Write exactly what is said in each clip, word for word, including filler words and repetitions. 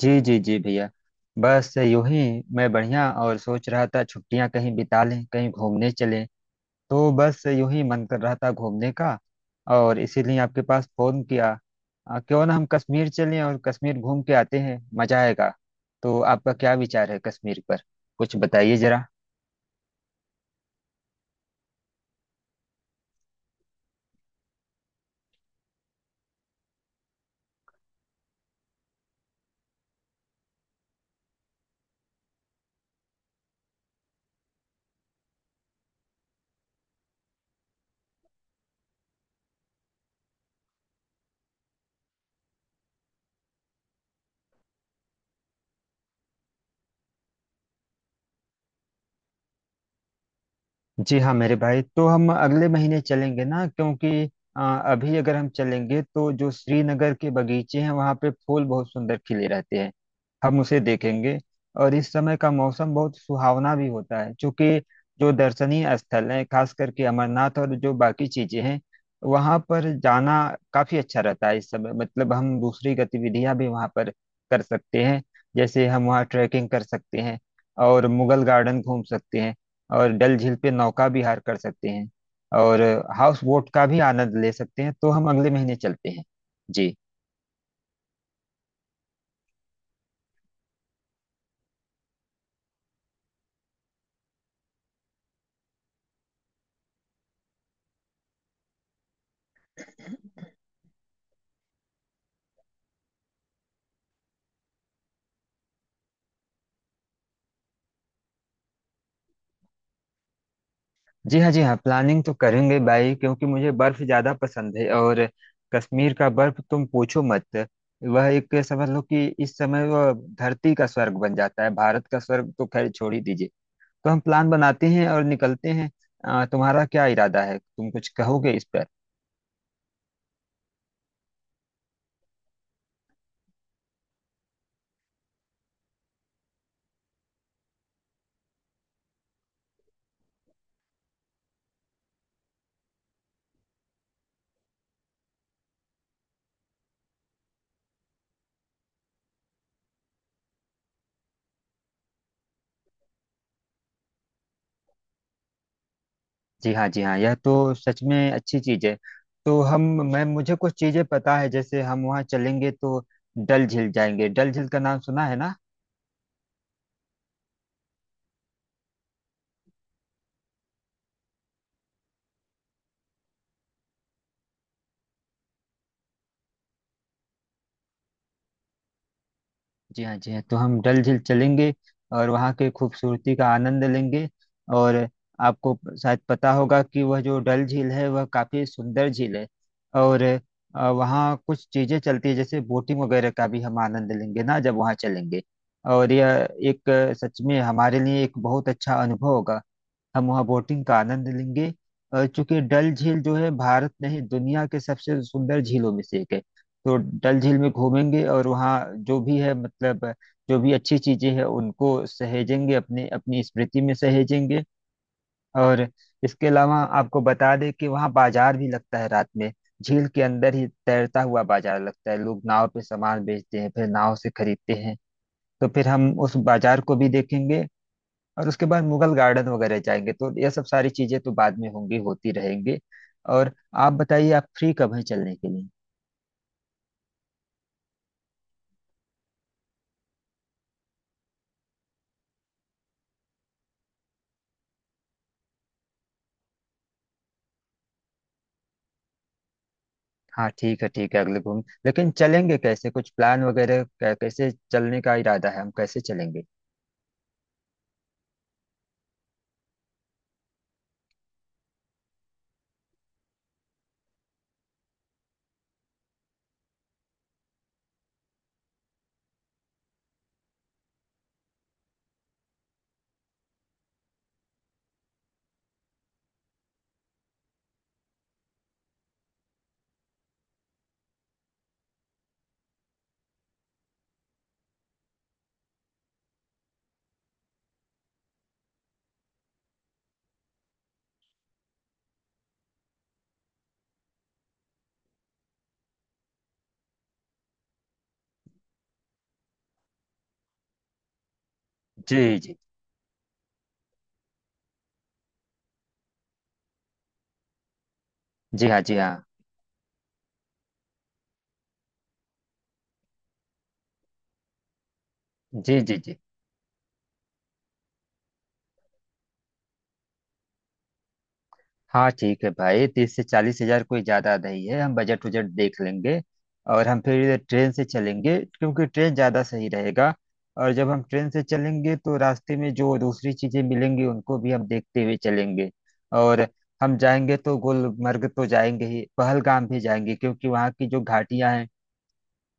जी जी जी भैया। बस यूं ही। मैं बढ़िया। और सोच रहा था, छुट्टियां कहीं बिता लें, कहीं घूमने चलें। तो बस यूं ही मन कर रहा था घूमने का, और इसीलिए आपके पास फोन किया। आ, क्यों ना हम कश्मीर चलें और कश्मीर घूम के आते हैं, मजा आएगा। तो आपका क्या विचार है कश्मीर पर? कुछ बताइए जरा। जी हाँ मेरे भाई, तो हम अगले महीने चलेंगे ना, क्योंकि अ, अभी अगर हम चलेंगे तो जो श्रीनगर के बगीचे हैं वहाँ पे फूल बहुत सुंदर खिले रहते हैं, हम उसे देखेंगे। और इस समय का मौसम बहुत सुहावना भी होता है। क्योंकि जो दर्शनीय स्थल हैं, खास करके अमरनाथ और जो बाकी चीजें हैं, वहाँ पर जाना काफी अच्छा रहता है इस समय। मतलब हम दूसरी गतिविधियां भी वहाँ पर कर सकते हैं। जैसे हम वहाँ ट्रैकिंग कर सकते हैं, और मुगल गार्डन घूम सकते हैं, और डल झील पे नौका विहार कर सकते हैं, और हाउस बोट का भी आनंद ले सकते हैं। तो हम अगले महीने चलते हैं जी। जी हाँ जी हाँ, प्लानिंग तो करेंगे भाई, क्योंकि मुझे बर्फ ज़्यादा पसंद है। और कश्मीर का बर्फ तुम पूछो मत। वह एक समझ लो कि इस समय वह धरती का स्वर्ग बन जाता है, भारत का स्वर्ग तो खैर छोड़ ही दीजिए। तो हम प्लान बनाते हैं और निकलते हैं। अ, तुम्हारा क्या इरादा है? तुम कुछ कहोगे इस पर? जी हाँ जी हाँ, यह तो सच में अच्छी चीज है। तो हम, मैं मुझे कुछ चीजें पता है। जैसे हम वहाँ चलेंगे तो डल झील जाएंगे। डल झील का नाम सुना है ना? जी हाँ जी हाँ, तो हम डल झील चलेंगे और वहाँ के खूबसूरती का आनंद लेंगे। और आपको शायद पता होगा कि वह जो डल झील है वह काफी सुंदर झील है। और अ, वहाँ कुछ चीजें चलती है, जैसे बोटिंग वगैरह का भी हम आनंद लेंगे ना जब वहाँ चलेंगे। और यह एक, अ, सच में हमारे लिए एक बहुत अच्छा अनुभव होगा। हम वहाँ बोटिंग का आनंद लेंगे। अ, चूंकि डल झील जो है भारत नहीं, दुनिया के सबसे सुंदर झीलों में से एक है। तो डल झील में घूमेंगे, और वहाँ जो भी है, मतलब जो भी अच्छी चीजें हैं उनको सहेजेंगे, अपने, अपनी स्मृति में सहेजेंगे। और इसके अलावा आपको बता दें कि वहाँ बाजार भी लगता है रात में, झील के अंदर ही तैरता हुआ बाजार लगता है। लोग नाव पे सामान बेचते हैं, फिर नाव से खरीदते हैं। तो फिर हम उस बाजार को भी देखेंगे। और उसके बाद मुगल गार्डन वगैरह जाएंगे। तो ये सब सारी चीजें तो बाद में होंगी, होती रहेंगी। और आप बताइए, आप फ्री कब हैं चलने के लिए? हाँ ठीक है ठीक है, अगले घूम, लेकिन चलेंगे कैसे? कुछ प्लान वगैरह, कै- कैसे चलने का इरादा है, हम कैसे चलेंगे? जी जी। जी हाँ जी हाँ। जी जी। जी हाँ ठीक है भाई, तीस से चालीस हजार कोई ज्यादा नहीं है, हम बजट उजट देख लेंगे। और हम फिर ट्रेन से चलेंगे, क्योंकि ट्रेन ज्यादा सही रहेगा। और जब हम ट्रेन से चलेंगे तो रास्ते में जो दूसरी चीजें मिलेंगी उनको भी हम देखते हुए चलेंगे। और हम जाएंगे तो गुलमर्ग तो जाएंगे ही, पहलगाम भी जाएंगे। क्योंकि वहाँ की जो घाटियां हैं,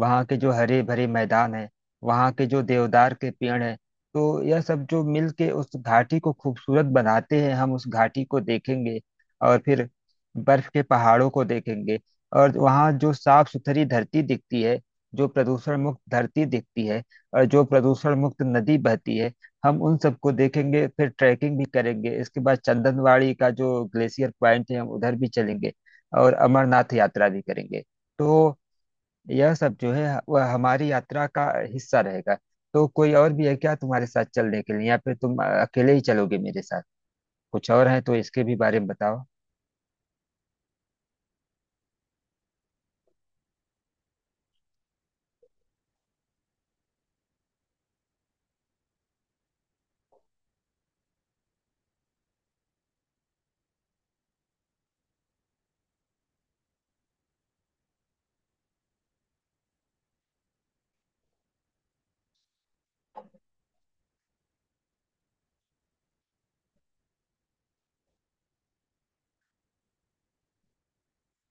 वहाँ के जो हरे भरे मैदान है, वहाँ के जो देवदार के पेड़ है, तो यह सब जो मिल के उस घाटी को खूबसूरत बनाते हैं, हम उस घाटी को देखेंगे। और फिर बर्फ के पहाड़ों को देखेंगे। और वहाँ जो साफ सुथरी धरती दिखती है, जो प्रदूषण मुक्त धरती दिखती है, और जो प्रदूषण मुक्त नदी बहती है, हम उन सबको देखेंगे। फिर ट्रैकिंग भी करेंगे। इसके बाद चंदनवाड़ी का जो ग्लेशियर पॉइंट है, हम उधर भी चलेंगे। और अमरनाथ यात्रा भी करेंगे। तो यह सब जो है वह हमारी यात्रा का हिस्सा रहेगा। तो कोई और भी है क्या तुम्हारे साथ चलने के लिए, या फिर तुम अ, अकेले ही चलोगे मेरे साथ? कुछ और है तो इसके भी बारे में बताओ।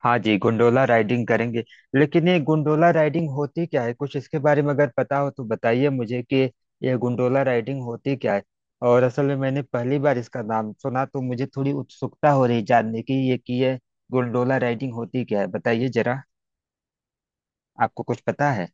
हाँ जी, गोंडोला राइडिंग करेंगे। लेकिन ये गोंडोला राइडिंग होती क्या है? कुछ इसके बारे में अगर पता हो तो बताइए मुझे कि यह गोंडोला राइडिंग होती क्या है। और असल में मैंने पहली बार इसका नाम सुना, तो मुझे थोड़ी उत्सुकता हो रही जानने की ये कि यह गोंडोला राइडिंग होती क्या है, बताइए जरा। आपको कुछ पता है?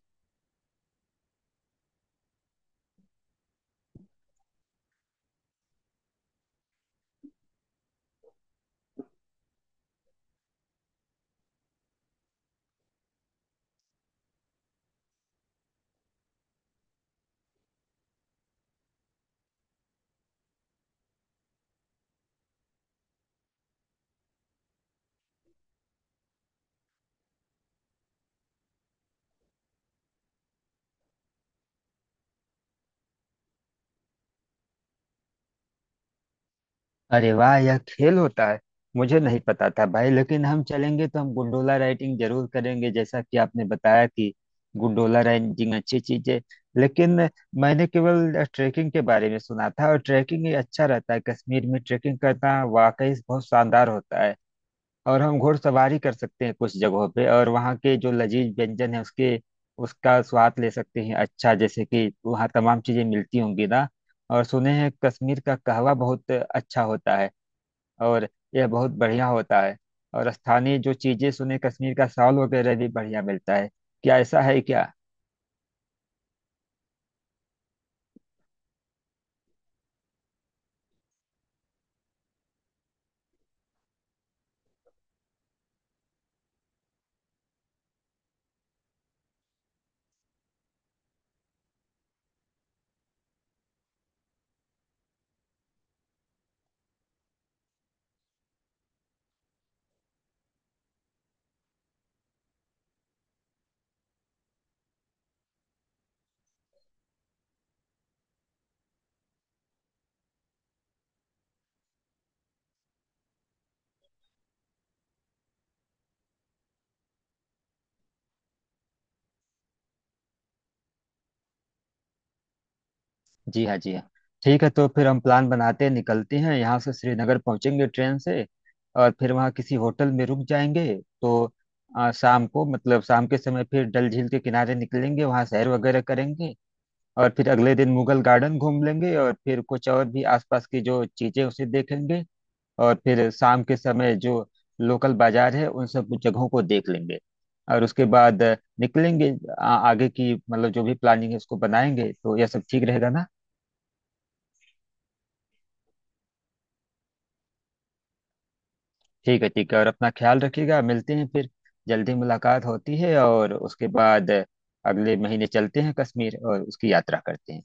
अरे वाह, यह खेल होता है! मुझे नहीं पता था भाई, लेकिन हम चलेंगे तो हम गुंडोला राइडिंग जरूर करेंगे, जैसा कि आपने बताया कि गुंडोला राइडिंग अच्छी चीज है। लेकिन मैंने केवल ट्रैकिंग के बारे में सुना था, और ट्रैकिंग ये अच्छा रहता है, कश्मीर में ट्रैकिंग करना वाकई बहुत शानदार होता है। और हम घोड़सवारी कर सकते हैं कुछ जगहों पे, और वहाँ के जो लजीज व्यंजन है उसके उसका स्वाद ले सकते हैं। अच्छा, जैसे कि वहाँ तमाम चीजें मिलती होंगी ना, और सुने हैं कश्मीर का कहवा बहुत अच्छा होता है, और यह बहुत बढ़िया होता है। और स्थानीय जो चीजें सुने, कश्मीर का शॉल वगैरह भी बढ़िया मिलता है, क्या ऐसा है क्या? जी हाँ जी हाँ, ठीक है। तो फिर हम प्लान बनाते हैं, निकलते हैं यहाँ से, श्रीनगर पहुंचेंगे ट्रेन से, और फिर वहाँ किसी होटल में रुक जाएंगे। तो आ, शाम को, मतलब शाम के समय, फिर डल झील के किनारे निकलेंगे, वहाँ सैर वगैरह करेंगे। और फिर अगले दिन मुगल गार्डन घूम लेंगे, और फिर कुछ और भी आसपास की जो चीजें उसे देखेंगे। और फिर शाम के समय जो लोकल बाजार है उन सब जगहों को देख लेंगे। और उसके बाद निकलेंगे, आ, आगे की, मतलब जो भी प्लानिंग है उसको बनाएंगे। तो यह सब ठीक रहेगा ना? ठीक है ठीक है, और अपना ख्याल रखिएगा, मिलते हैं फिर। जल्दी मुलाकात होती है, और उसके बाद अगले महीने चलते हैं कश्मीर और उसकी यात्रा करते हैं।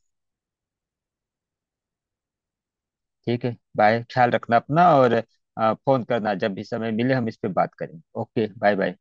ठीक है बाय, ख्याल रखना अपना। और आ, फोन करना जब भी समय मिले, हम इस पे बात करेंगे। Okay bye bye.